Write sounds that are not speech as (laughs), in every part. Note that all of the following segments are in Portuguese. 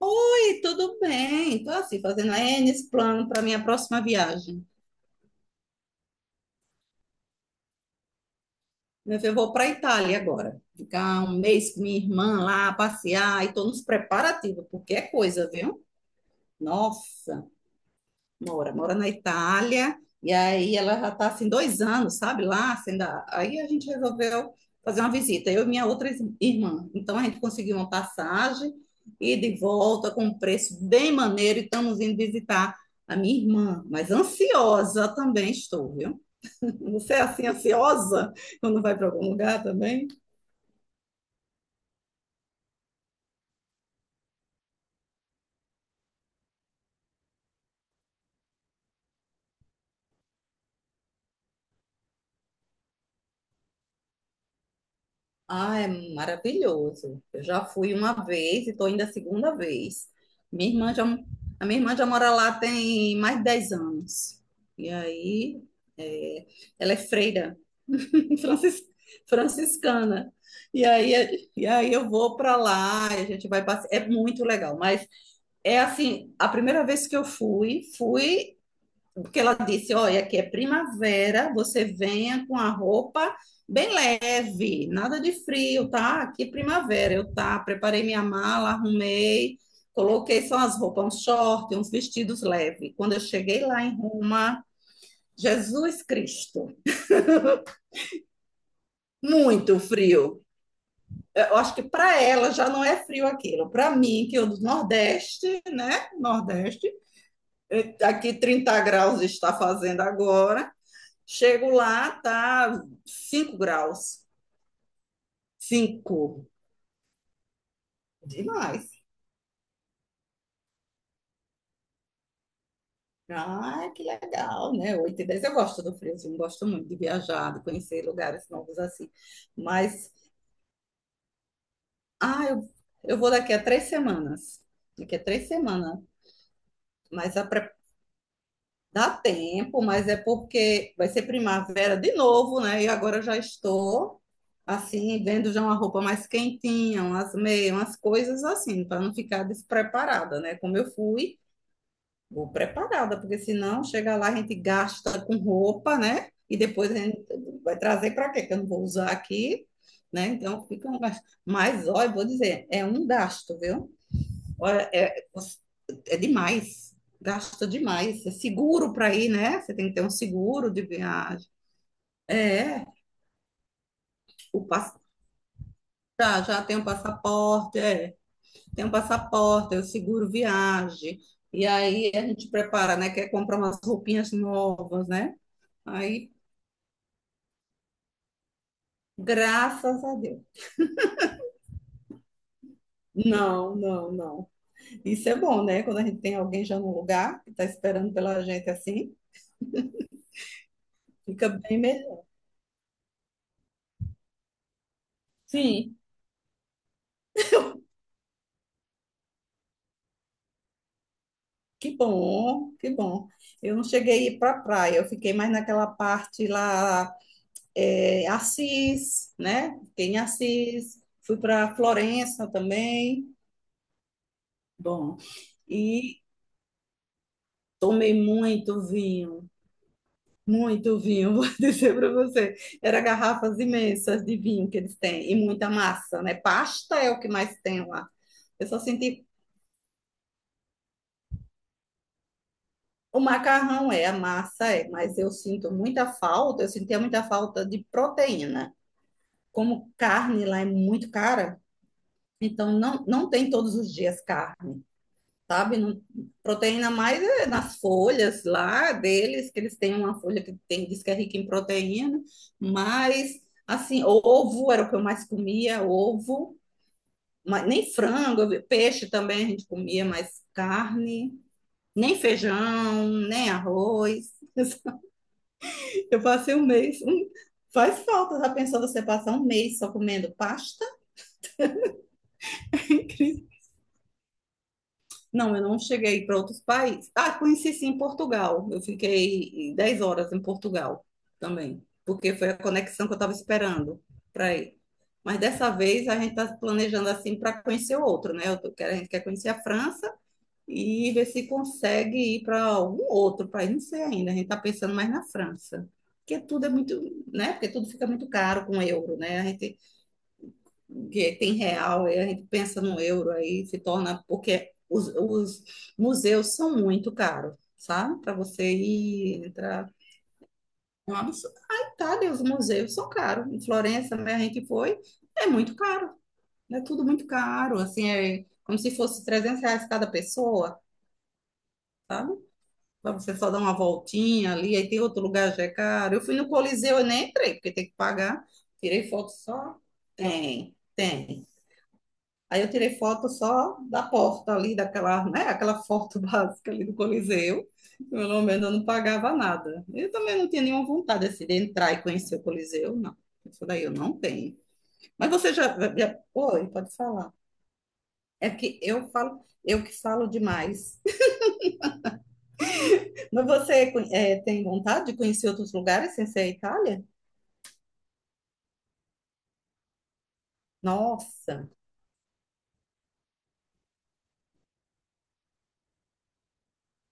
Oi, tudo bem? Estou assim, fazendo N esse plano para minha próxima viagem. Meu filho, eu vou para a Itália agora. Ficar um mês com minha irmã lá, passear, e estou nos preparativos, porque é coisa, viu? Nossa! Mora, mora na Itália, e aí ela já está assim, 2 anos, sabe, lá, aí a gente resolveu fazer uma visita, eu e minha outra irmã. Então a gente conseguiu uma passagem e de volta com um preço bem maneiro, e estamos indo visitar a minha irmã, mas ansiosa também estou, viu? (laughs) Você é assim ansiosa quando vai para algum lugar também? Ah, é maravilhoso. Eu já fui uma vez e estou indo a segunda vez. Minha irmã já, a minha irmã já mora lá tem mais de 10 anos. E aí, é, ela é freira, (laughs) francis- franciscana. E aí, é, e aí, eu vou para lá, e a gente vai passear. É muito legal, mas é assim, a primeira vez que eu fui, fui porque ela disse, olha, que é primavera, você venha com a roupa bem leve, nada de frio, tá? Aqui é primavera, eu tá, preparei minha mala, arrumei, coloquei só as roupas, uns short, uns vestidos leves. Quando eu cheguei lá em Roma, Jesus Cristo, muito frio. Eu acho que para ela já não é frio aquilo. Para mim, que eu do Nordeste, né? Nordeste, aqui 30 graus está fazendo agora. Chego lá, tá 5 graus. Cinco. Demais. Ah, que legal, né? Oito e dez. Eu gosto do frio, assim, eu gosto muito de viajar, de conhecer lugares novos assim. Mas, ah, eu, eu vou daqui a 3 semanas. Daqui a três semanas. Mas a pre- dá tempo, mas é porque vai ser primavera de novo, né? E agora eu já estou, assim, vendo já uma roupa mais quentinha, umas meias, umas coisas assim, para não ficar despreparada, né? Como eu fui. Vou preparada, porque senão chega lá, a gente gasta com roupa, né? E depois a gente vai trazer para quê? Que eu não vou usar aqui, né? Então fica um gasto. Mas, olha, vou dizer, é um gasto, viu? Olha, é, é demais. Gasta demais. É seguro para ir, né? Você tem que ter um seguro de viagem. É. o pass... já tem um passaporte, é. Tem um passaporte, é o seguro viagem. E aí a gente prepara, né? Quer comprar umas roupinhas novas, né? Aí, graças a Deus. Não, não, não. Isso é bom, né? Quando a gente tem alguém já no lugar, que está esperando pela gente assim, fica bem melhor. Sim, que bom, que bom. Eu não cheguei a ir para a praia, eu fiquei mais naquela parte lá, é, Assis, né? Fiquei em Assis, fui para Florença também. Bom, e tomei muito vinho. Muito vinho, (laughs) vou dizer para você. Era garrafas imensas de vinho que eles têm e muita massa, né? Pasta é o que mais tem lá. Eu só senti o macarrão é, a massa é, mas eu sinto muita falta, eu sentia muita falta de proteína. Como carne lá é muito cara, então não, não tem todos os dias carne. Sabe? Não, proteína mais é nas folhas lá deles, que eles têm uma folha que tem, diz que é rica em proteína, mas assim, ovo era o que eu mais comia, ovo, mas nem frango, eu peixe também a gente comia, mas carne, nem feijão, nem arroz. (laughs) Assim, eu passei um mês. Faz falta, já pensou você passar um mês só comendo pasta? (laughs) Não, eu não cheguei para outros países. Ah, conheci sim Portugal. Eu fiquei 10 horas em Portugal também, porque foi a conexão que eu estava esperando para ir. Mas dessa vez a gente está planejando assim para conhecer outro, né? A gente quer conhecer a França e ver se consegue ir para algum outro país, não sei ainda. A gente está pensando mais na França, porque tudo é muito, né? Porque tudo fica muito caro com euro, né? A gente que tem real, e a gente pensa no euro aí, se torna, porque os museus são muito caros, sabe? Para você ir entrar. É um absurdo. A Itália, os museus são caros. Em Florença, né, a gente foi, é muito caro. É tudo muito caro, assim, é como se fosse R$ 300 cada pessoa, para você só dar uma voltinha ali, aí tem outro lugar já é caro. Eu fui no Coliseu e nem entrei, porque tem que pagar. Tirei foto só. Tem, tem. Aí eu tirei foto só da porta ali, daquela, né, aquela foto (laughs) básica ali do Coliseu. Pelo menos eu não pagava nada. Eu também não tinha nenhuma vontade assim, de entrar e conhecer o Coliseu, não. Isso daí eu não tenho. Mas você já, já... Oi, pode falar. É que eu falo, eu que falo demais. (laughs) Mas você é, tem vontade de conhecer outros lugares sem ser a Itália? Nossa,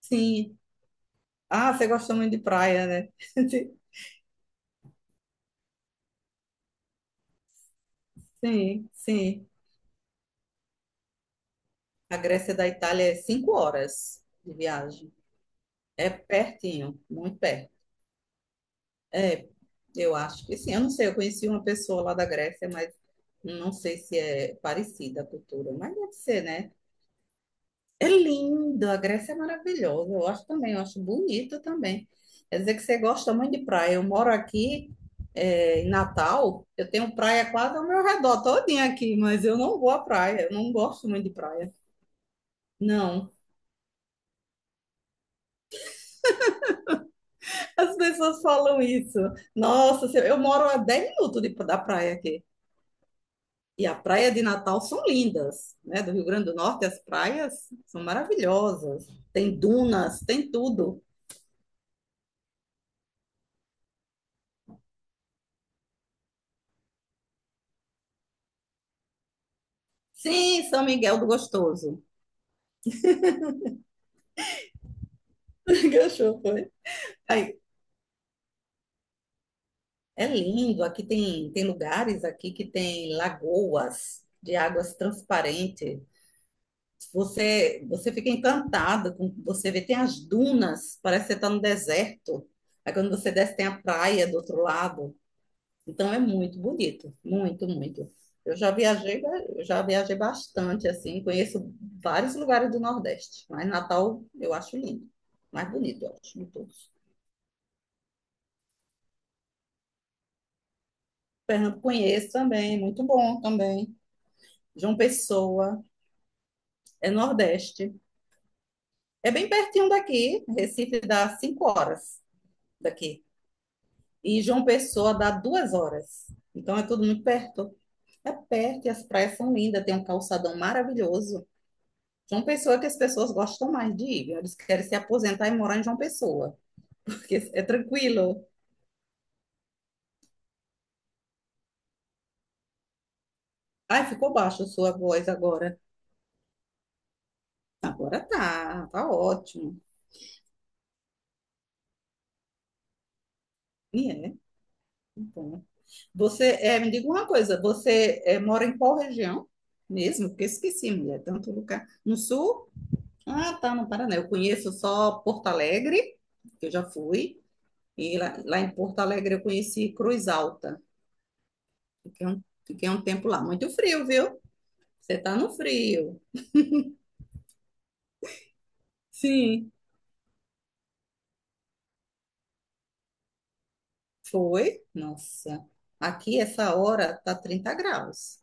sim. Ah, você gosta muito de praia, né? (laughs) Sim, sim. A Grécia da Itália é 5 horas de viagem. É pertinho, muito perto. É, eu acho que sim. Eu não sei, eu conheci uma pessoa lá da Grécia, mas não sei se é parecida a cultura, mas deve ser, né? É lindo, a Grécia é maravilhosa. Eu acho também, eu acho bonito também. Quer dizer que você gosta muito de praia. Eu moro aqui, é, em Natal, eu tenho praia quase ao meu redor, todinha aqui, mas eu não vou à praia, eu não gosto muito de praia. Não. As pessoas falam isso. Nossa, eu moro a 10 minutos da praia aqui. E a praia de Natal são lindas, né? Do Rio Grande do Norte, as praias são maravilhosas. Tem dunas, tem tudo. Sim, São Miguel do Gostoso. (laughs) Que achou, foi? Aí, é lindo. Aqui tem, tem lugares aqui que tem lagoas de águas transparentes. Você, você fica encantada com o que você vê, tem as dunas, parece que você está no deserto. Aí quando você desce, tem a praia do outro lado. Então é muito bonito, muito, muito. Eu já viajei, ba- eu já viajei bastante, assim, conheço vários lugares do Nordeste, mas Natal eu acho lindo, mais bonito, eu acho, de todos. Pernambuco conheço também, muito bom também. João Pessoa, é Nordeste. É bem pertinho daqui, Recife dá 5 horas daqui. E João Pessoa dá 2 horas. Então é tudo muito perto. É perto e as praias são lindas, tem um calçadão maravilhoso. João Pessoa é que as pessoas gostam mais de ir. Eles querem se aposentar e morar em João Pessoa, (laughs) porque é tranquilo. Ai, ficou baixo a sua voz agora. Agora tá, tá ótimo. E é, então, você, é, me diga uma coisa, você é, mora em qual região mesmo? Porque esqueci, mulher, tanto lugar. No sul? Ah, tá, no Paraná. Eu conheço só Porto Alegre, que eu já fui. E lá, lá em Porto Alegre eu conheci Cruz Alta. Fiquei um tempo lá. Muito frio, viu? Você tá no frio. Sim. Foi? Nossa. Aqui, essa hora, tá 30 graus.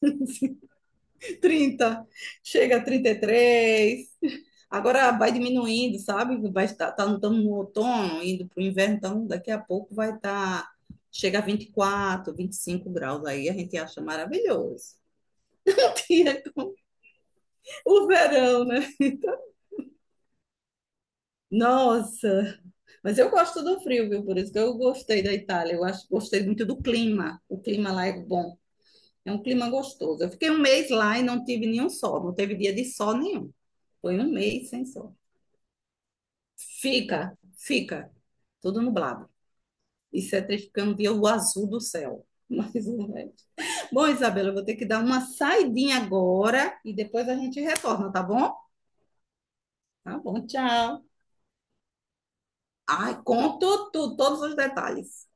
(laughs) Trinta. Chega a 33. Agora vai diminuindo, sabe? Vai estar, tá, estamos no outono, indo para o inverno, então daqui a pouco vai estar, chega a 24, 25 graus. Aí a gente acha maravilhoso. (laughs) O verão, né? Então, nossa, mas eu gosto do frio, viu? Por isso que eu gostei da Itália. Eu acho, gostei muito do clima. O clima lá é bom. É um clima gostoso. Eu fiquei um mês lá e não tive nenhum sol. Não teve dia de sol nenhum. Foi um mês sem sol. Fica, fica. Tudo nublado. Isso é triste, porque eu não via o azul do céu. (laughs) Mas o resto. Bom, Isabela, eu vou ter que dar uma saidinha agora e depois a gente retorna, tá bom? Tá bom, tchau. Ai, conto tudo, todos os detalhes.